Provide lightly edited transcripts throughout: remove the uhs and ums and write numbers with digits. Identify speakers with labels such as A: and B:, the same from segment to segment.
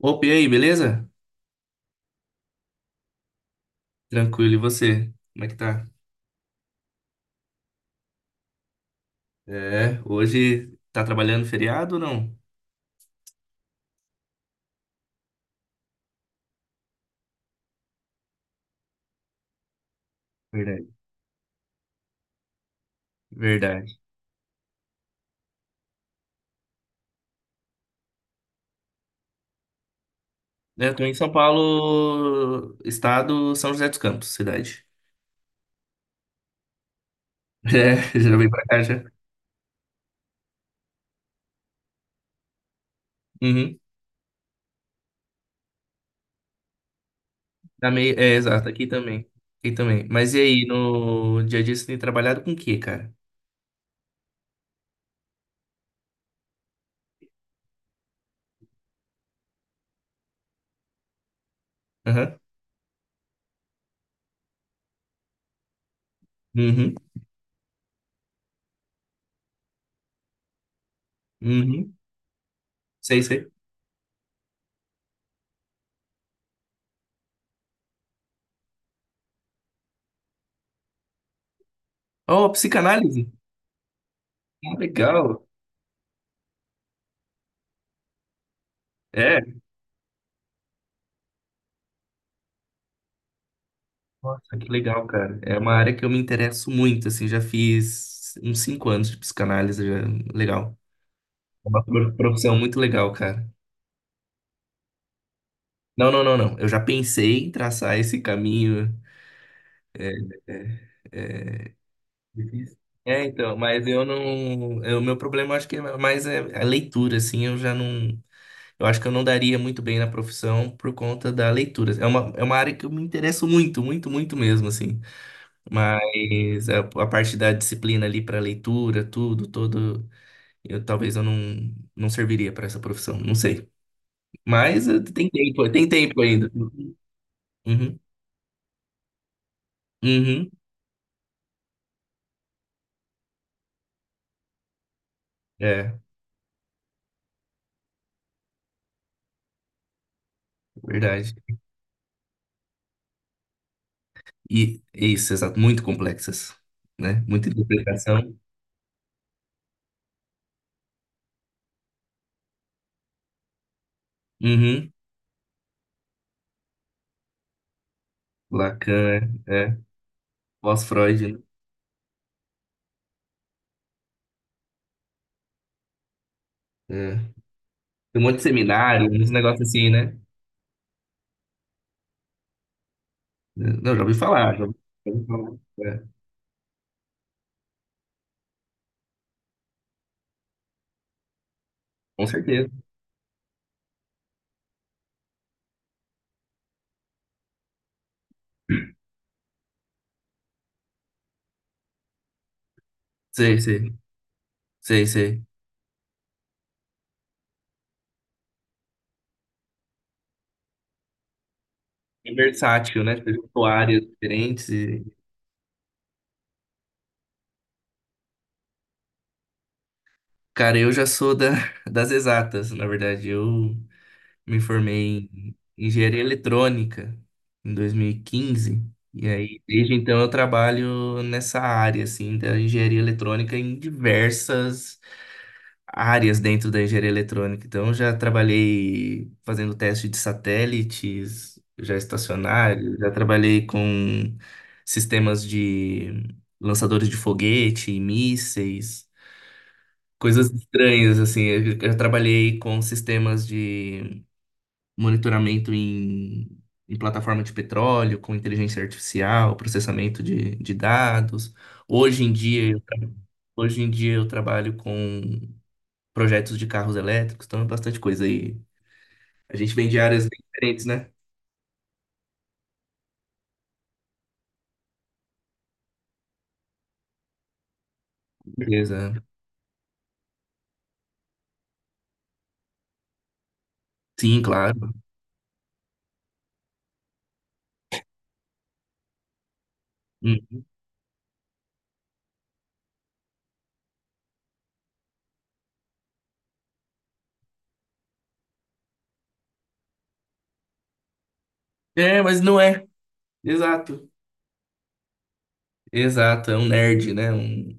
A: Opa, e aí, beleza? Tranquilo, e você? Como é que tá? É, hoje tá trabalhando feriado ou não? Verdade. Verdade. É, eu tô em São Paulo, estado. São José dos Campos, cidade. É, já vim pra cá já. Uhum. Tá meio... é, exato, aqui também. Aqui também. Mas e aí, no dia a dia você tem trabalhado com o quê, cara? Aham. Uhum. Uhum. Sei, sei. Oh, psicanálise. Ah, legal. É. Nossa, que legal, cara. É uma área que eu me interesso muito, assim, já fiz uns cinco anos de psicanálise, já... legal. É uma profissão muito legal, cara. Não, não, não, não. Eu já pensei em traçar esse caminho. É, é, difícil. É, então, mas eu não. O meu problema acho que é mais é a leitura, assim, eu já não. Eu acho que eu não daria muito bem na profissão por conta da leitura. É uma área que eu me interesso muito, muito, muito mesmo, assim. Mas a parte da disciplina ali para leitura, tudo, todo, eu talvez eu não, não serviria para essa profissão, não sei. Mas tem tempo ainda. Uhum, uhum, é, verdade. E é isso, exato, muito complexas, né? Muita interpretação. Uhum, Lacan, é, é, pós-Freud, né? É. Tem um monte de seminário, uns negócios assim, né? Não, já ouvi falar, já ouvi falar. É, com certeza. Sei, sei, sei, sei. É versátil, né? Você juntou áreas diferentes. E- Cara, eu já sou da, das exatas, na verdade. Eu me formei em engenharia eletrônica em 2015. E quinze. E aí, desde então, eu trabalho nessa área, assim, da engenharia eletrônica em diversas áreas dentro da engenharia eletrônica. Então, eu já trabalhei fazendo teste de satélites, já estacionário, já trabalhei com sistemas de lançadores de foguete, mísseis, coisas estranhas, assim. Eu já trabalhei com sistemas de monitoramento em, em plataforma de petróleo, com inteligência artificial, processamento de dados. Hoje em dia, hoje em dia eu trabalho com projetos de carros elétricos, então é bastante coisa aí. A gente vem de áreas bem diferentes, né? Beleza. Sim, claro. Hum. É, mas não é. Exato. Exato, é um nerd, né? Um...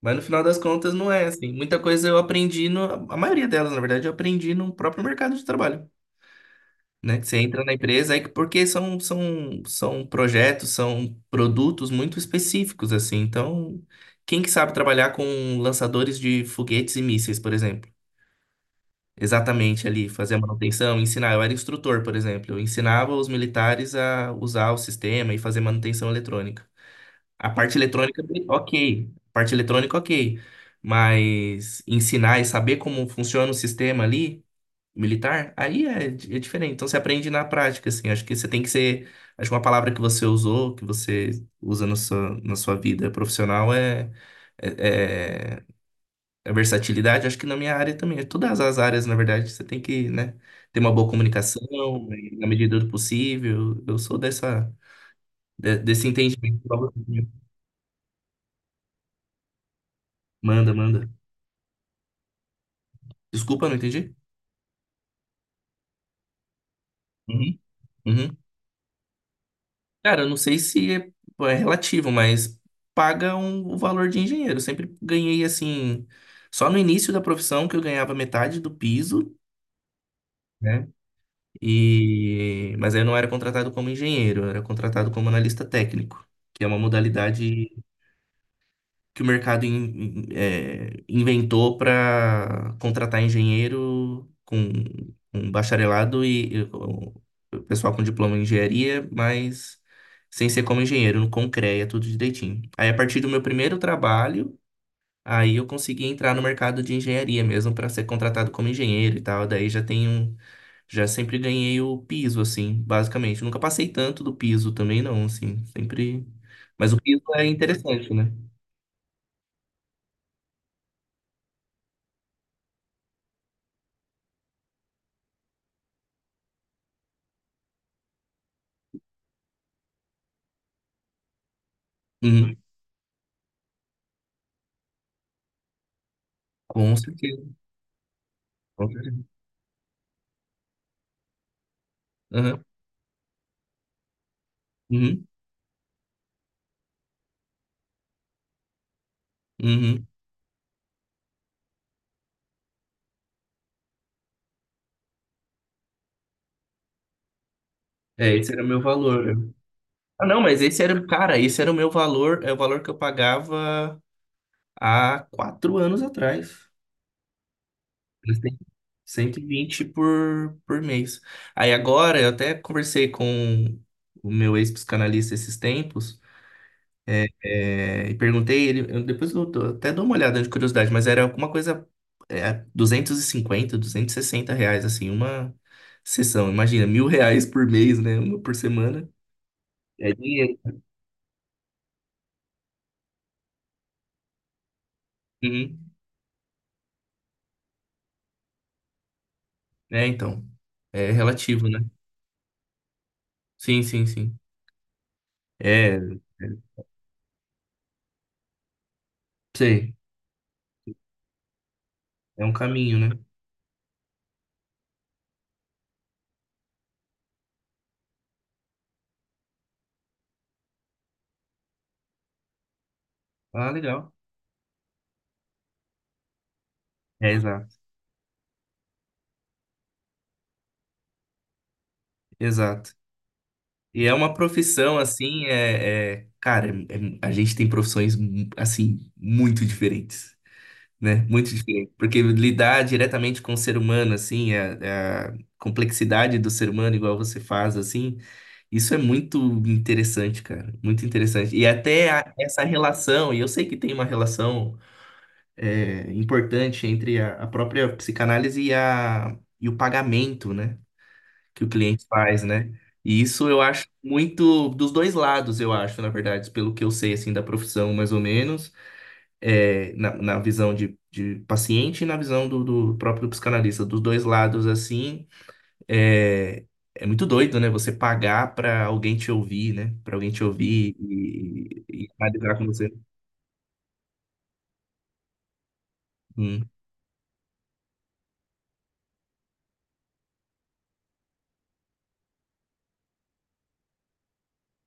A: Mas no final das contas não é assim. Muita coisa eu aprendi no... A maioria delas, na verdade, eu aprendi no próprio mercado de trabalho. Né? Que você entra na empresa, aí que- porque são, são, são projetos, são produtos muito específicos, assim. Então, quem que sabe trabalhar com lançadores de foguetes e mísseis, por exemplo? Exatamente ali, fazer a manutenção, ensinar. Eu era instrutor, por exemplo. Eu ensinava os militares a usar o sistema e fazer manutenção eletrônica. A parte eletrônica, ok. A parte eletrônica, ok. Mas ensinar e saber como funciona o sistema ali, militar, aí é, é diferente. Então você aprende na prática, assim. Acho que você tem que ser. Acho que uma palavra que você usou, que você usa na sua vida profissional é. É, é a versatilidade, acho que na minha área também, né? Todas as áreas, na verdade, você tem que, né, ter uma boa comunicação, e, na medida do possível. Eu sou dessa, desse entendimento. Manda, manda. Desculpa, não entendi? Uhum, uhum. Cara, eu não sei se é, é relativo, mas paga um, o valor de engenheiro. Eu sempre ganhei, assim, só no início da profissão que eu ganhava metade do piso, né? E, mas aí eu não era contratado como engenheiro, eu era contratado como analista técnico, que é uma modalidade que o mercado é, inventou para contratar engenheiro com bacharelado e o pessoal com diploma em engenharia, mas sem ser como engenheiro, com CREA, tudo direitinho. Aí, a partir do meu primeiro trabalho, aí eu consegui entrar no mercado de engenharia mesmo para ser contratado como engenheiro e tal. Daí já tenho, já sempre ganhei o piso, assim, basicamente. Nunca passei tanto do piso também, não, assim, sempre. Mas o piso é interessante, né? Uhum. Com certeza, com certeza. Aham, uhum. Uhum. É, esse era o meu valor. Ah, não, mas esse era, cara, esse era o meu valor, é o valor que eu pagava há quatro anos atrás. Eles têm 120 por mês. Aí agora, eu até conversei com o meu ex-psicanalista esses tempos, é, e perguntei ele, depois eu até dou uma olhada de curiosidade, mas era alguma coisa é, 200 250 260 reais, assim, uma sessão. Imagina, 1.000 reais por mês, né? Uma por semana. É dinheiro. Uhum. É, então, é relativo, né? Sim, sim, sim. É, é, sei, é um caminho, né? Ah, legal. É, exato, exato. E é uma profissão, assim, é, cara, a gente tem profissões, assim, muito diferentes. Né? Muito diferente, porque lidar diretamente com o ser humano, assim, a complexidade do ser humano, igual você faz, assim, isso é muito interessante, cara, muito interessante. E até essa relação, e eu sei que tem uma relação é, importante entre a própria psicanálise e, a, e o pagamento, né? Que o cliente faz, né? E isso eu acho muito dos dois lados, eu acho, na verdade, pelo que eu sei, assim, da profissão, mais ou menos é, na, na visão de paciente e na visão do, do próprio psicanalista. Dos dois lados, assim, é, é muito doido, né? Você pagar pra alguém te ouvir, né? Pra alguém te ouvir e analisar com você. Hum.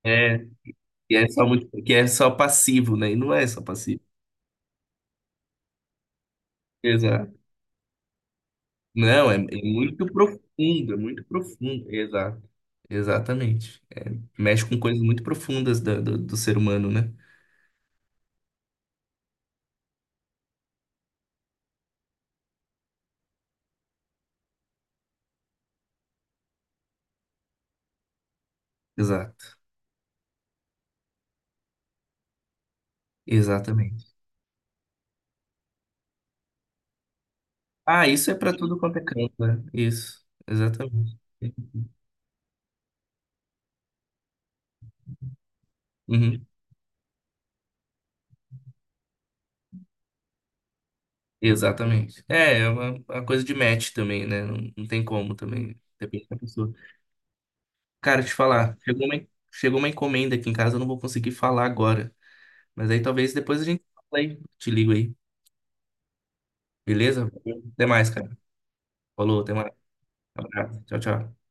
A: É, e é só muito, que é só passivo, né? E não é só passivo. Exato. Não, é, é muito profundo, é muito profundo. Exato. Exatamente. Mexe com coisas muito profundas do, do ser humano, né? Exato. Exatamente. Ah, isso é para tudo quanto é canto, né? Isso, exatamente. Uhum, exatamente. É, é uma coisa de match também, né? Não, não tem como também, depende da pessoa. Cara, te falar, chegou uma, chegou uma encomenda aqui em casa, eu não vou conseguir falar agora. Mas aí talvez depois a gente fala aí, te ligo aí, beleza? Até mais, cara. Falou, até mais. Abraço, tchau, tchau.